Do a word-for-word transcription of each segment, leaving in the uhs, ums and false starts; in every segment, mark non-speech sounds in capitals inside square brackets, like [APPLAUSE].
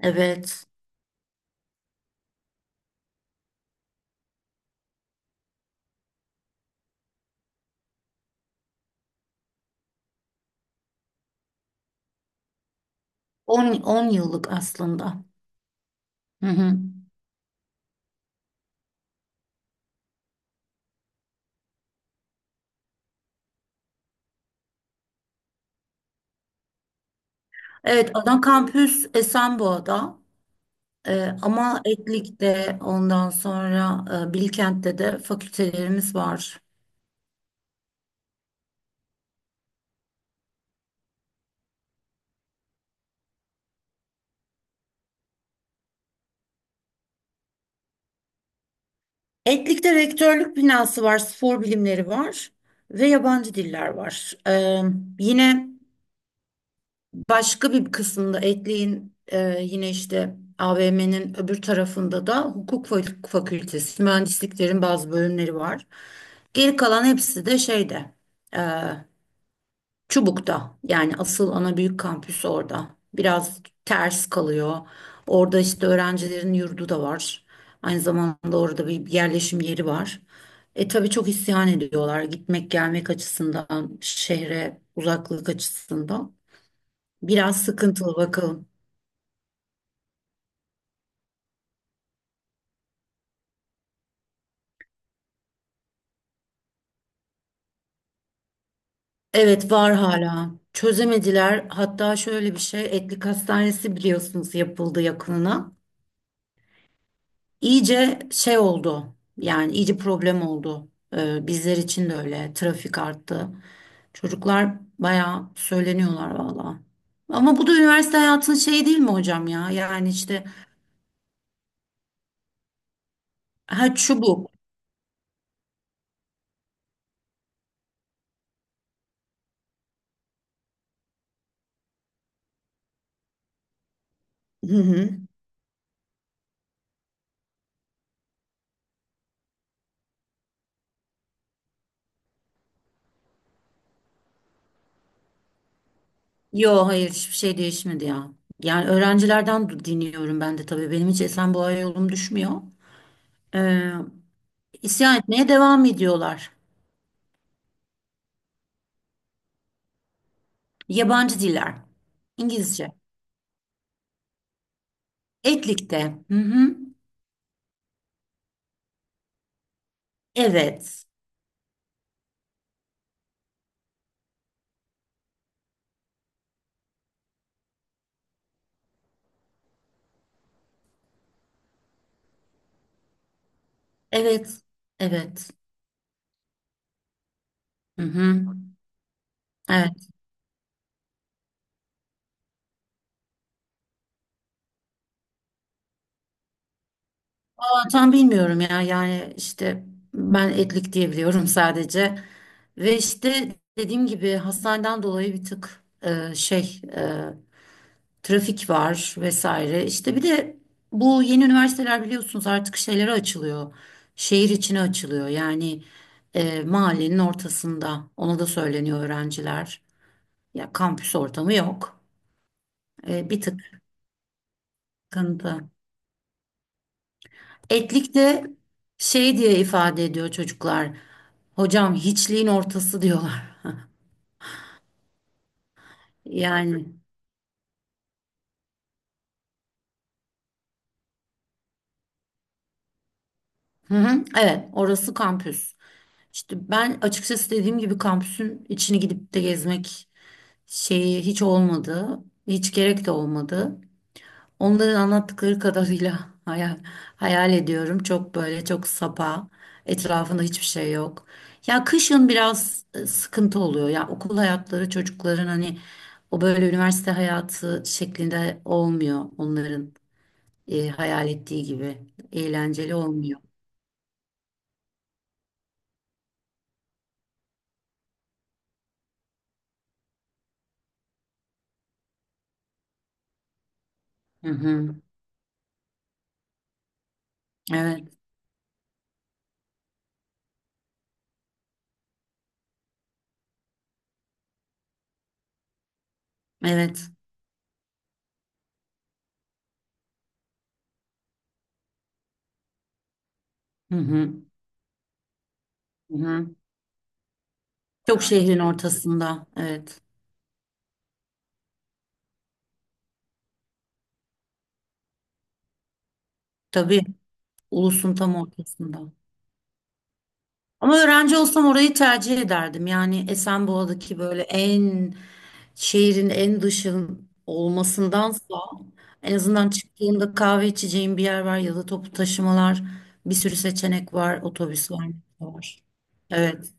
Evet. on on yıllık aslında. Hı hı. Evet, ana kampüs Esenboğa'da. Ee, ama Etlik'te ondan sonra e, Bilkent'te de fakültelerimiz var. Etlik'te rektörlük binası var, spor bilimleri var ve yabancı diller var. Ee, yine Başka bir kısmında ekleyin, e, yine işte A V M'nin öbür tarafında da hukuk fa- fakültesi, mühendisliklerin bazı bölümleri var. Geri kalan hepsi de şeyde, e, Çubuk'ta, yani asıl ana büyük kampüs orada. Biraz ters kalıyor. Orada işte öğrencilerin yurdu da var. Aynı zamanda orada bir yerleşim yeri var. E tabii çok isyan ediyorlar gitmek gelmek açısından, şehre uzaklık açısından. Biraz sıkıntılı bakalım. Evet, var hala. Çözemediler. Hatta şöyle bir şey, Etlik Hastanesi biliyorsunuz, yapıldı yakınına. İyice şey oldu. Yani iyice problem oldu. Ee, bizler için de öyle. Trafik arttı. Çocuklar bayağı söyleniyorlar valla. Ama bu da üniversite hayatının şeyi değil mi hocam ya? Yani işte ha, şu bu. Hı hı. Yo, hayır, hiçbir şey değişmedi ya. Yani öğrencilerden du- dinliyorum ben de tabii. Benim hiç Esenboğa yolum düşmüyor. Ee, isyan etmeye devam ediyorlar. Yabancı diller. İngilizce. Etlikte. Hı hı. Evet. Evet. Evet. Hı hı. Evet. Ben tam bilmiyorum ya. Yani işte ben Etlik diye biliyorum [LAUGHS] sadece. Ve işte dediğim gibi hastaneden dolayı bir tık e, şey, e, trafik var vesaire. İşte bir de bu yeni üniversiteler biliyorsunuz artık şeylere açılıyor. Şehir içine açılıyor. Yani e, mahallenin ortasında. Ona da söyleniyor öğrenciler. Ya kampüs ortamı yok. E, bir tık sıkıntı. Etlik de şey diye ifade ediyor çocuklar. Hocam, hiçliğin ortası diyorlar. [LAUGHS] Yani, hı hı, evet, orası kampüs. İşte ben açıkçası dediğim gibi kampüsün içini gidip de gezmek şeyi hiç olmadı. Hiç gerek de olmadı. Onların anlattıkları kadarıyla [LAUGHS] hayal, hayal ediyorum. Çok böyle, çok sapa. Etrafında hiçbir şey yok. Ya kışın biraz e, sıkıntı oluyor. Ya okul hayatları çocukların, hani o böyle üniversite hayatı şeklinde olmuyor onların e, hayal ettiği gibi. Eğlenceli olmuyor. Hı hı. Evet. Evet. Hı hı. Hı hı. Çok, yani şehrin ortasında. Evet. Tabii. Ulus'un tam ortasında. Ama öğrenci olsam orayı tercih ederdim. Yani Esenboğa'daki böyle en, şehrin en dışın olmasındansa en azından çıktığımda kahve içeceğim bir yer var ya da toplu taşımalar, bir sürü seçenek var. Otobüs var. Metro var. Evet.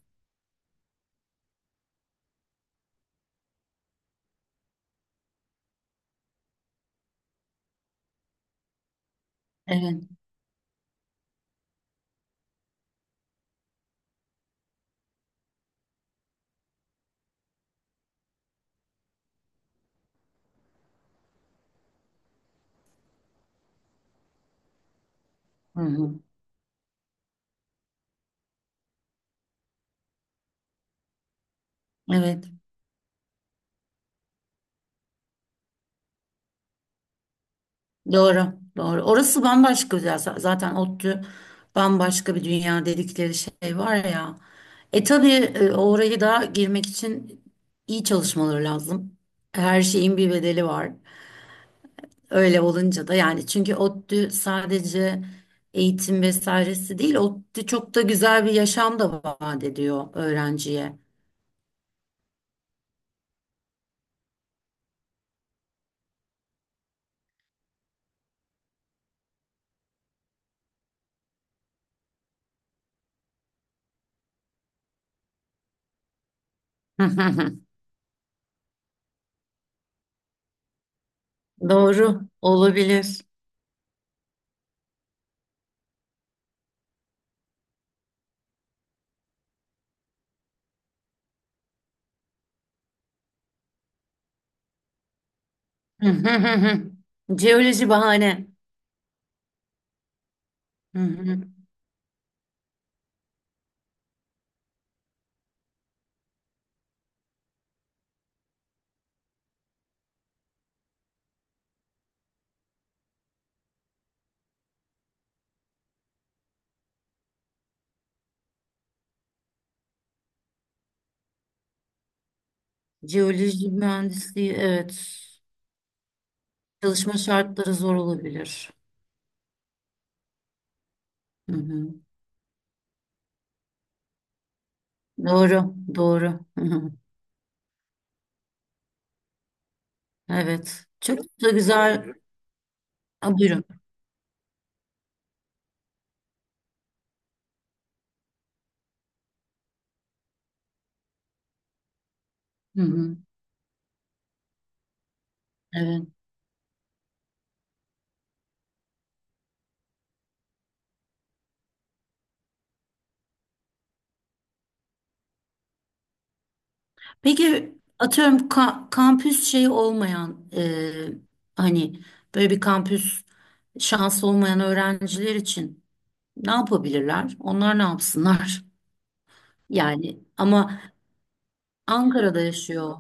Evet. Hı hı. Evet. Doğru, doğru. Orası bambaşka güzel. Z- Zaten ODTÜ bambaşka bir dünya dedikleri şey var ya. E tabii, e, oraya da girmek için iyi çalışmaları lazım. Her şeyin bir bedeli var. Öyle olunca da, yani çünkü ODTÜ sadece eğitim vesairesi değil, ODTÜ çok da güzel bir yaşam da vaat ediyor öğrenciye. [LAUGHS] Doğru, olabilir. [LAUGHS] Jeoloji bahane. [LAUGHS] Jeoloji mühendisliği, evet. Çalışma şartları zor olabilir. Hı hı. Doğru, doğru. Hı hı. Evet. Çok da güzel. Ha, buyurun. Hı hı. Evet. Peki, atıyorum ka- kampüs şeyi olmayan, e, hani böyle bir kampüs şansı olmayan öğrenciler için ne yapabilirler? Onlar ne yapsınlar? [LAUGHS] Yani ama Ankara'da yaşıyor.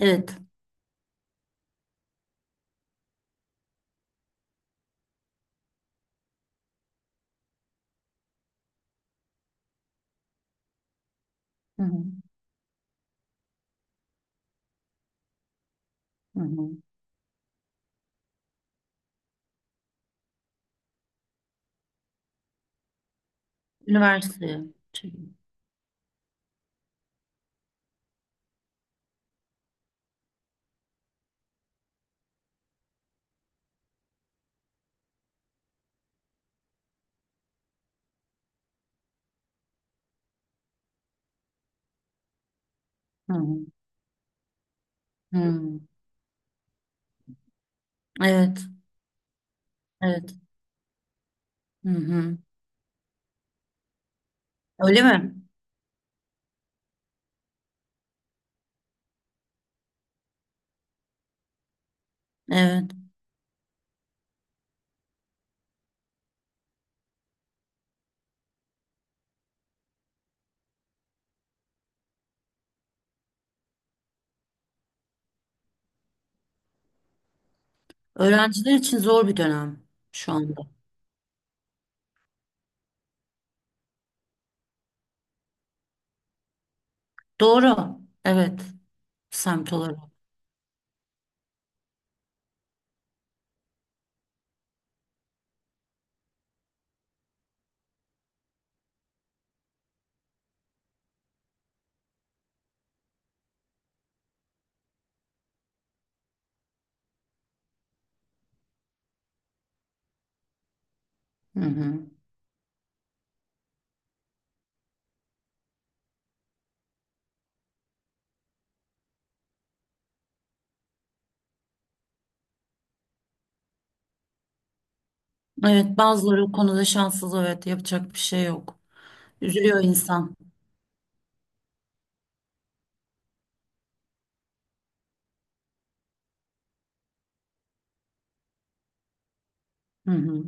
Evet. Hı hı. Hı hı. Üniversite. Hı hı. Hmm, evet, evet. Hı hı. Öyle mi? Evet. Öğrenciler için zor bir dönem şu anda. Doğru. Evet. Semt olarak. Hı hı. Evet, bazıları o konuda şanssız. Evet, yapacak bir şey yok. Üzülüyor insan. Hı hı.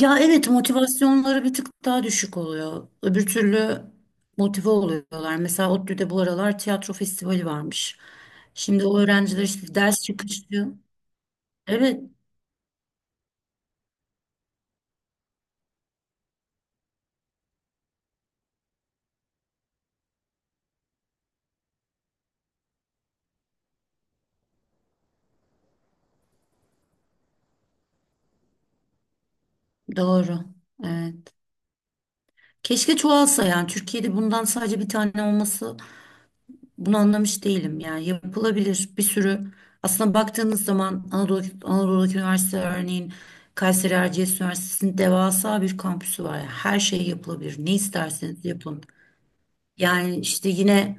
Ya evet, motivasyonları bir tık daha düşük oluyor. Öbür türlü motive oluyorlar. Mesela ODTÜ'de bu aralar tiyatro festivali varmış. Şimdi o öğrenciler işte ders çıkışı. Evet, doğru. Evet. Keşke çoğalsa, yani Türkiye'de bundan sadece bir tane olması, bunu anlamış değilim. Yani yapılabilir bir sürü, aslında baktığınız zaman Anadolu, Anadolu'daki üniversite, örneğin Kayseri Erciyes Üniversitesi'nin devasa bir kampüsü var ya, her şey yapılabilir, ne isterseniz yapın. Yani işte yine.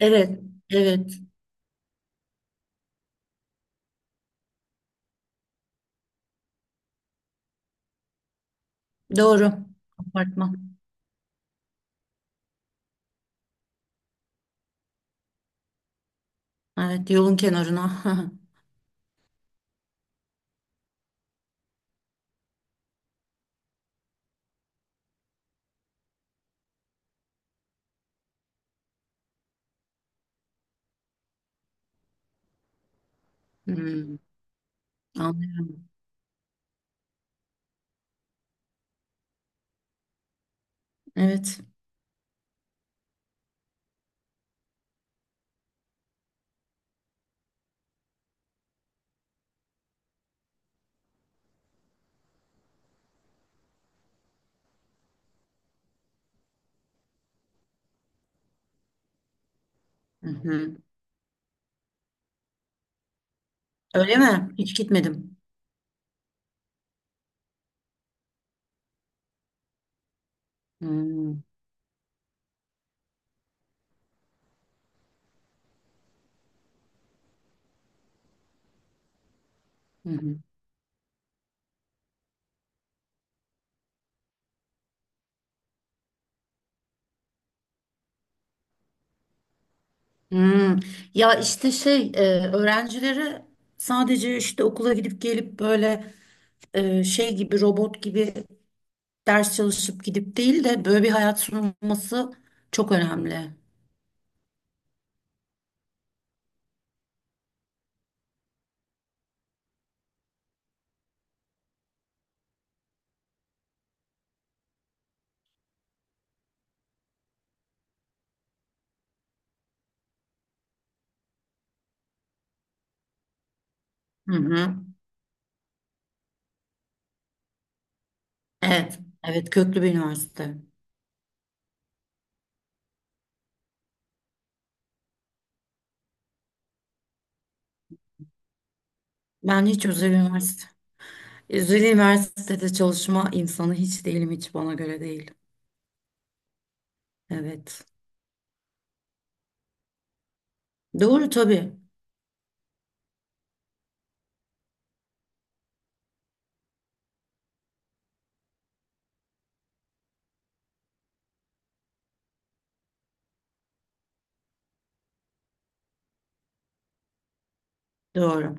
Evet, evet. Doğru. Apartman. Evet, yolun kenarına. [LAUGHS] Hmm, anlıyorum. Evet. Hı hı. Öyle mi? Hiç gitmedim. Hmm, hı hı. Hmm. Ya işte şey, e, öğrencilere sadece işte okula gidip gelip böyle, e, şey gibi, robot gibi ders çalışıp gidip değil de böyle bir hayat sunulması çok önemli. Hı hı. Evet, evet, köklü bir üniversite. Ben hiç özel üniversite, özel üniversitede çalışma insanı hiç değilim, hiç bana göre değil. Evet. Doğru tabii, doğru.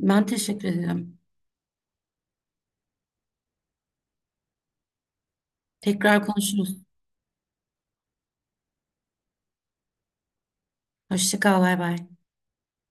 Ben teşekkür ederim. Tekrar konuşuruz. Hoşça kal, bay bay.